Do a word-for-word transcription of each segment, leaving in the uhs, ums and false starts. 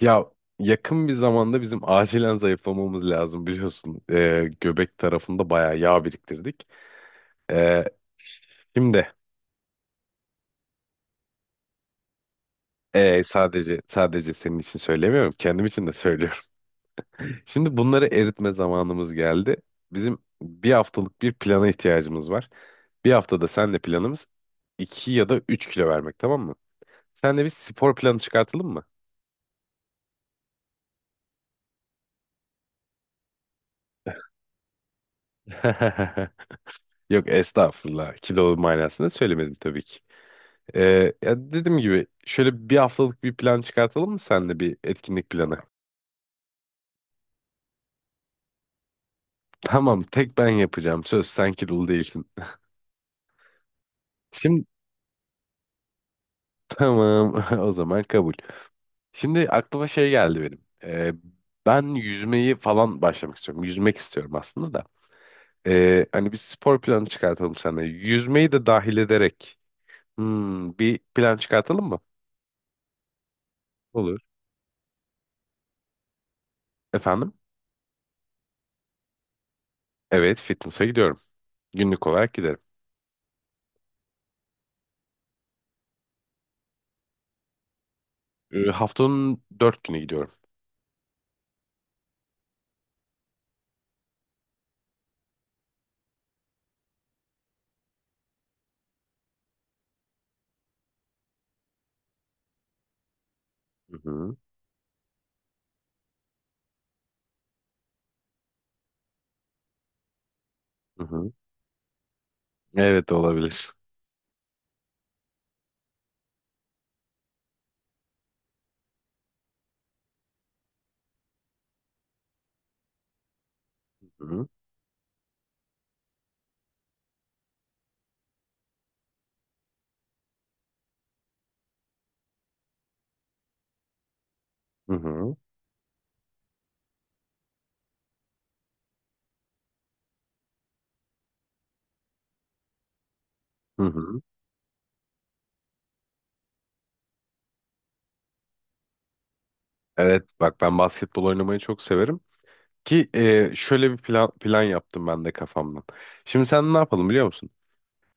Ya yakın bir zamanda bizim acilen zayıflamamız lazım biliyorsun. Ee, göbek tarafında bayağı yağ biriktirdik. Ee, şimdi ee, sadece sadece senin için söylemiyorum, kendim için de söylüyorum. Şimdi bunları eritme zamanımız geldi. Bizim bir haftalık bir plana ihtiyacımız var. Bir haftada senle planımız iki ya da üç kilo vermek, tamam mı? Senle bir spor planı çıkartalım mı? Yok estağfurullah. Kilo manasında söylemedim tabii ki. Ee, ya dediğim gibi şöyle bir haftalık bir plan çıkartalım mı senle, bir etkinlik planı? Tamam, tek ben yapacağım, söz, sen kilolu değilsin. Şimdi tamam, o zaman kabul. Şimdi aklıma şey geldi benim. Ee, ben yüzmeyi falan başlamak istiyorum. Yüzmek istiyorum aslında da. Ee, hani bir spor planı çıkartalım seninle. Yüzmeyi de dahil ederek hmm, bir plan çıkartalım mı? Olur. Efendim? Evet, fitness'a gidiyorum. Günlük olarak giderim. Ee, haftanın dört günü gidiyorum. Hı hı. Hı hı. Evet, olabilir. Hı hı. Hı hı. Hı hı. Evet bak, ben basketbol oynamayı çok severim. Ki e, şöyle bir plan, plan yaptım ben de kafamdan. Şimdi sen ne yapalım, biliyor musun?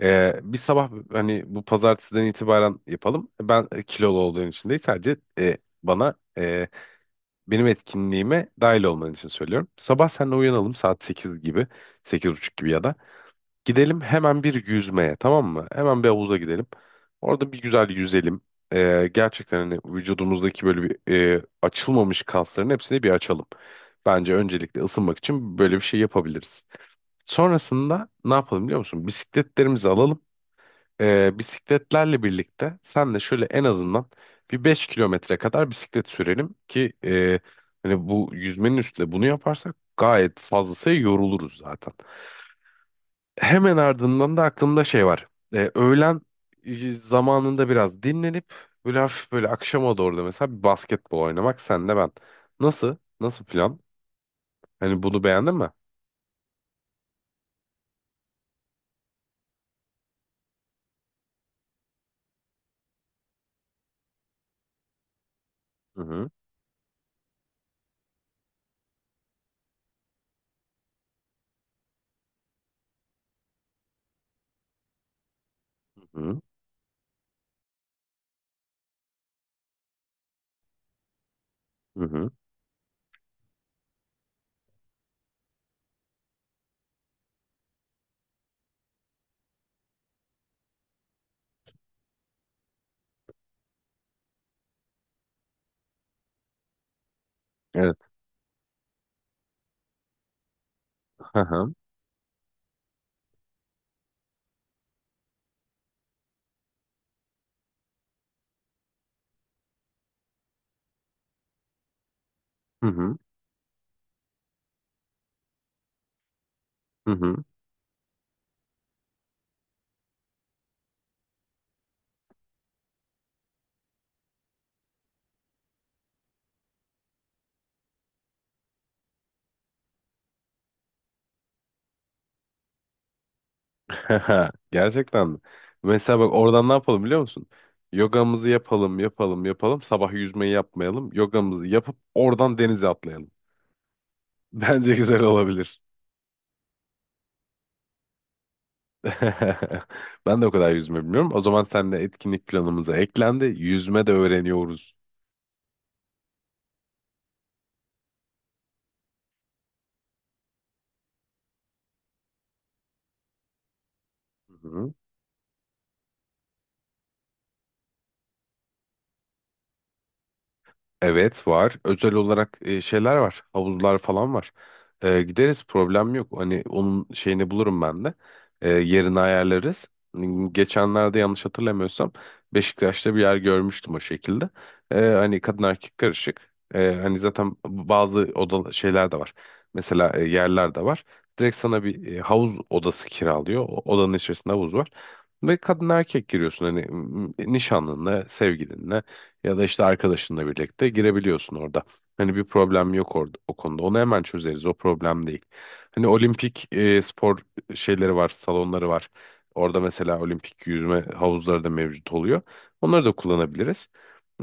E, bir sabah, hani bu pazartesiden itibaren yapalım. Ben e, kilolu olduğun için değil, sadece e, bana e, benim etkinliğime dahil olman için söylüyorum. Sabah seninle uyanalım saat sekiz gibi, sekiz buçuk gibi ya da. Gidelim hemen bir yüzmeye, tamam mı? Hemen bir havuza gidelim. Orada bir güzel yüzelim. Ee, gerçekten hani vücudumuzdaki böyle bir e, açılmamış kasların hepsini bir açalım. Bence öncelikle ısınmak için böyle bir şey yapabiliriz. Sonrasında ne yapalım, biliyor musun? Bisikletlerimizi alalım. Ee, bisikletlerle birlikte sen de şöyle en azından bir beş kilometre kadar bisiklet sürelim ki e, hani bu yüzmenin üstüne bunu yaparsak gayet fazlasıyla yoruluruz zaten. Hemen ardından da aklımda şey var. Ee, öğlen e, zamanında biraz dinlenip böyle hafif, böyle akşama doğru da mesela bir basketbol oynamak, senle ben. Nasıl? Nasıl plan? Hani bunu beğendin mi? Hı hı. Hı hı. Hı. Evet. Hı hı. Hı hı. Hı hı. Gerçekten mi? Mesela bak, oradan ne yapalım biliyor musun? Yogamızı yapalım, yapalım, yapalım. Sabah yüzmeyi yapmayalım. Yogamızı yapıp oradan denize atlayalım. Bence güzel olabilir. Ben de o kadar yüzme bilmiyorum. O zaman sen de etkinlik planımıza eklendi. Yüzme de öğreniyoruz. Hı hı. Evet, var. Özel olarak e, şeyler var. Havuzlar falan var. E, gideriz, problem yok. Hani onun şeyini bulurum ben de. E, yerini ayarlarız. Hmm, Geçenlerde yanlış hatırlamıyorsam Beşiktaş'ta bir yer görmüştüm o şekilde. E, hani kadın erkek karışık. E, hani zaten bazı oda şeyler de var. Mesela e, yerler de var. Direkt sana bir e, havuz odası kiralıyor. O odanın içerisinde havuz var. Ve kadın erkek giriyorsun hani mm, nişanlınla, sevgilinle. Ya da işte arkadaşınla birlikte girebiliyorsun orada. Hani bir problem yok orada o konuda. Onu hemen çözeriz. O problem değil. Hani olimpik e, spor şeyleri var, salonları var. Orada mesela olimpik yüzme havuzları da mevcut oluyor. Onları da kullanabiliriz.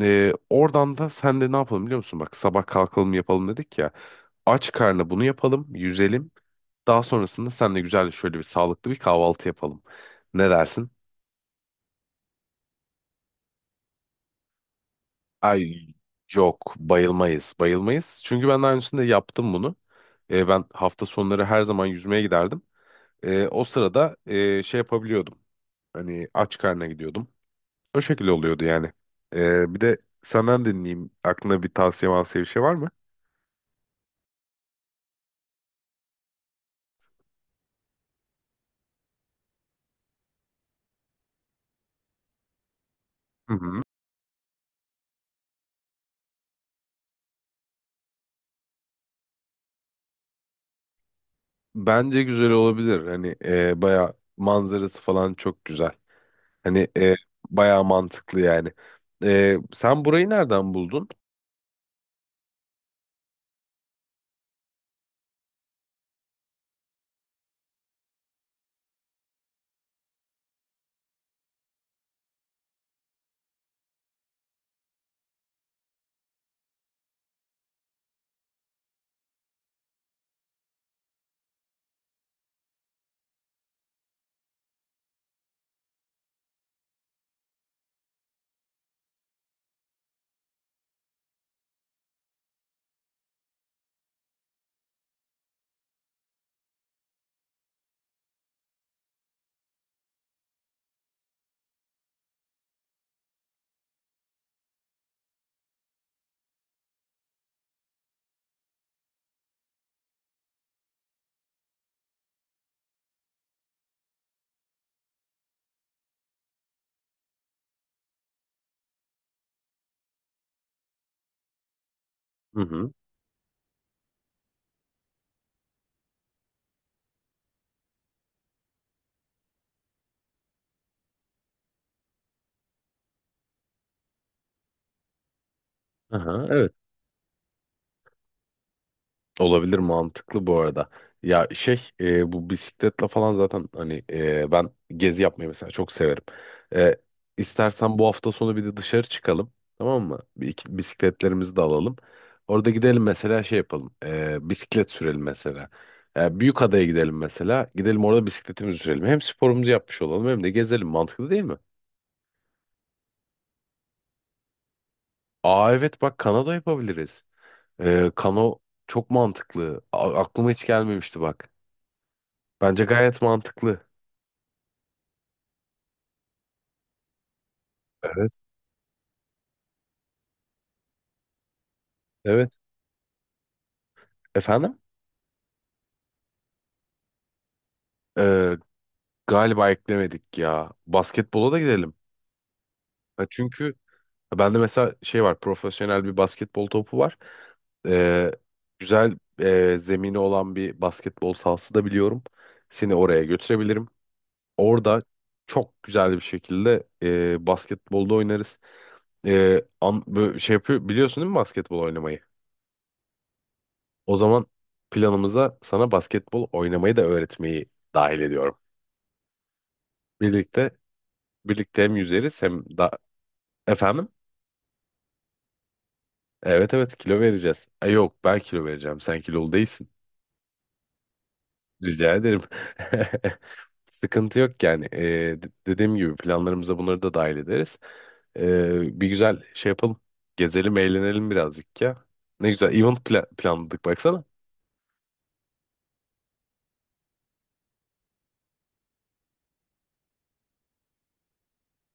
E, oradan da sen de ne yapalım biliyor musun? Bak, sabah kalkalım yapalım dedik ya. Aç karnına bunu yapalım, yüzelim. Daha sonrasında sen de güzel şöyle bir sağlıklı bir kahvaltı yapalım. Ne dersin? Ay, yok, bayılmayız bayılmayız. Çünkü ben daha öncesinde yaptım bunu. E, ben hafta sonları her zaman yüzmeye giderdim. E, o sırada e, şey yapabiliyordum. Hani aç karnına gidiyordum. O şekilde oluyordu yani. E, bir de senden dinleyeyim. Aklına bir tavsiye mavsiye bir şey var mı? Hı hı. Bence güzel olabilir. Hani e, baya manzarası falan çok güzel. Hani e, baya mantıklı yani. E, sen burayı nereden buldun? Hı hı. Aha, evet. Olabilir, mantıklı bu arada. Ya şey, e, bu bisikletle falan zaten hani e, ben gezi yapmayı mesela çok severim. E, istersen bu hafta sonu bir de dışarı çıkalım, tamam mı? Bir iki- bisikletlerimizi de alalım. Orada gidelim mesela, şey yapalım. e, bisiklet sürelim mesela. E, Büyükada'ya gidelim mesela. Gidelim orada bisikletimizi sürelim. Hem sporumuzu yapmış olalım hem de gezelim. Mantıklı değil mi? Aa evet bak, kano yapabiliriz. E, kano çok mantıklı. A- aklıma hiç gelmemişti bak. Bence gayet mantıklı. Evet. Evet. Efendim? Ee, galiba eklemedik ya. Basketbola da gidelim. Ha, çünkü bende mesela şey var. Profesyonel bir basketbol topu var. Ee, güzel e, zemini olan bir basketbol sahası da biliyorum. Seni oraya götürebilirim. Orada çok güzel bir şekilde e, basketbolda oynarız. E, an- bö- şey yapıyor, biliyorsun değil mi basketbol oynamayı? O zaman planımıza sana basketbol oynamayı da öğretmeyi dahil ediyorum. Birlikte Birlikte hem yüzeriz hem da efendim. Evet evet, kilo vereceğiz. E, yok, ben kilo vereceğim. Sen kilolu değilsin. Rica ederim. Sıkıntı yok yani. E, d- dediğim gibi planlarımıza bunları da dahil ederiz. E, bir güzel şey yapalım. Gezelim, eğlenelim birazcık ya. Ne güzel event pla- planladık baksana.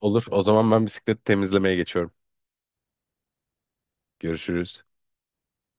Olur. O zaman ben bisiklet temizlemeye geçiyorum. Görüşürüz.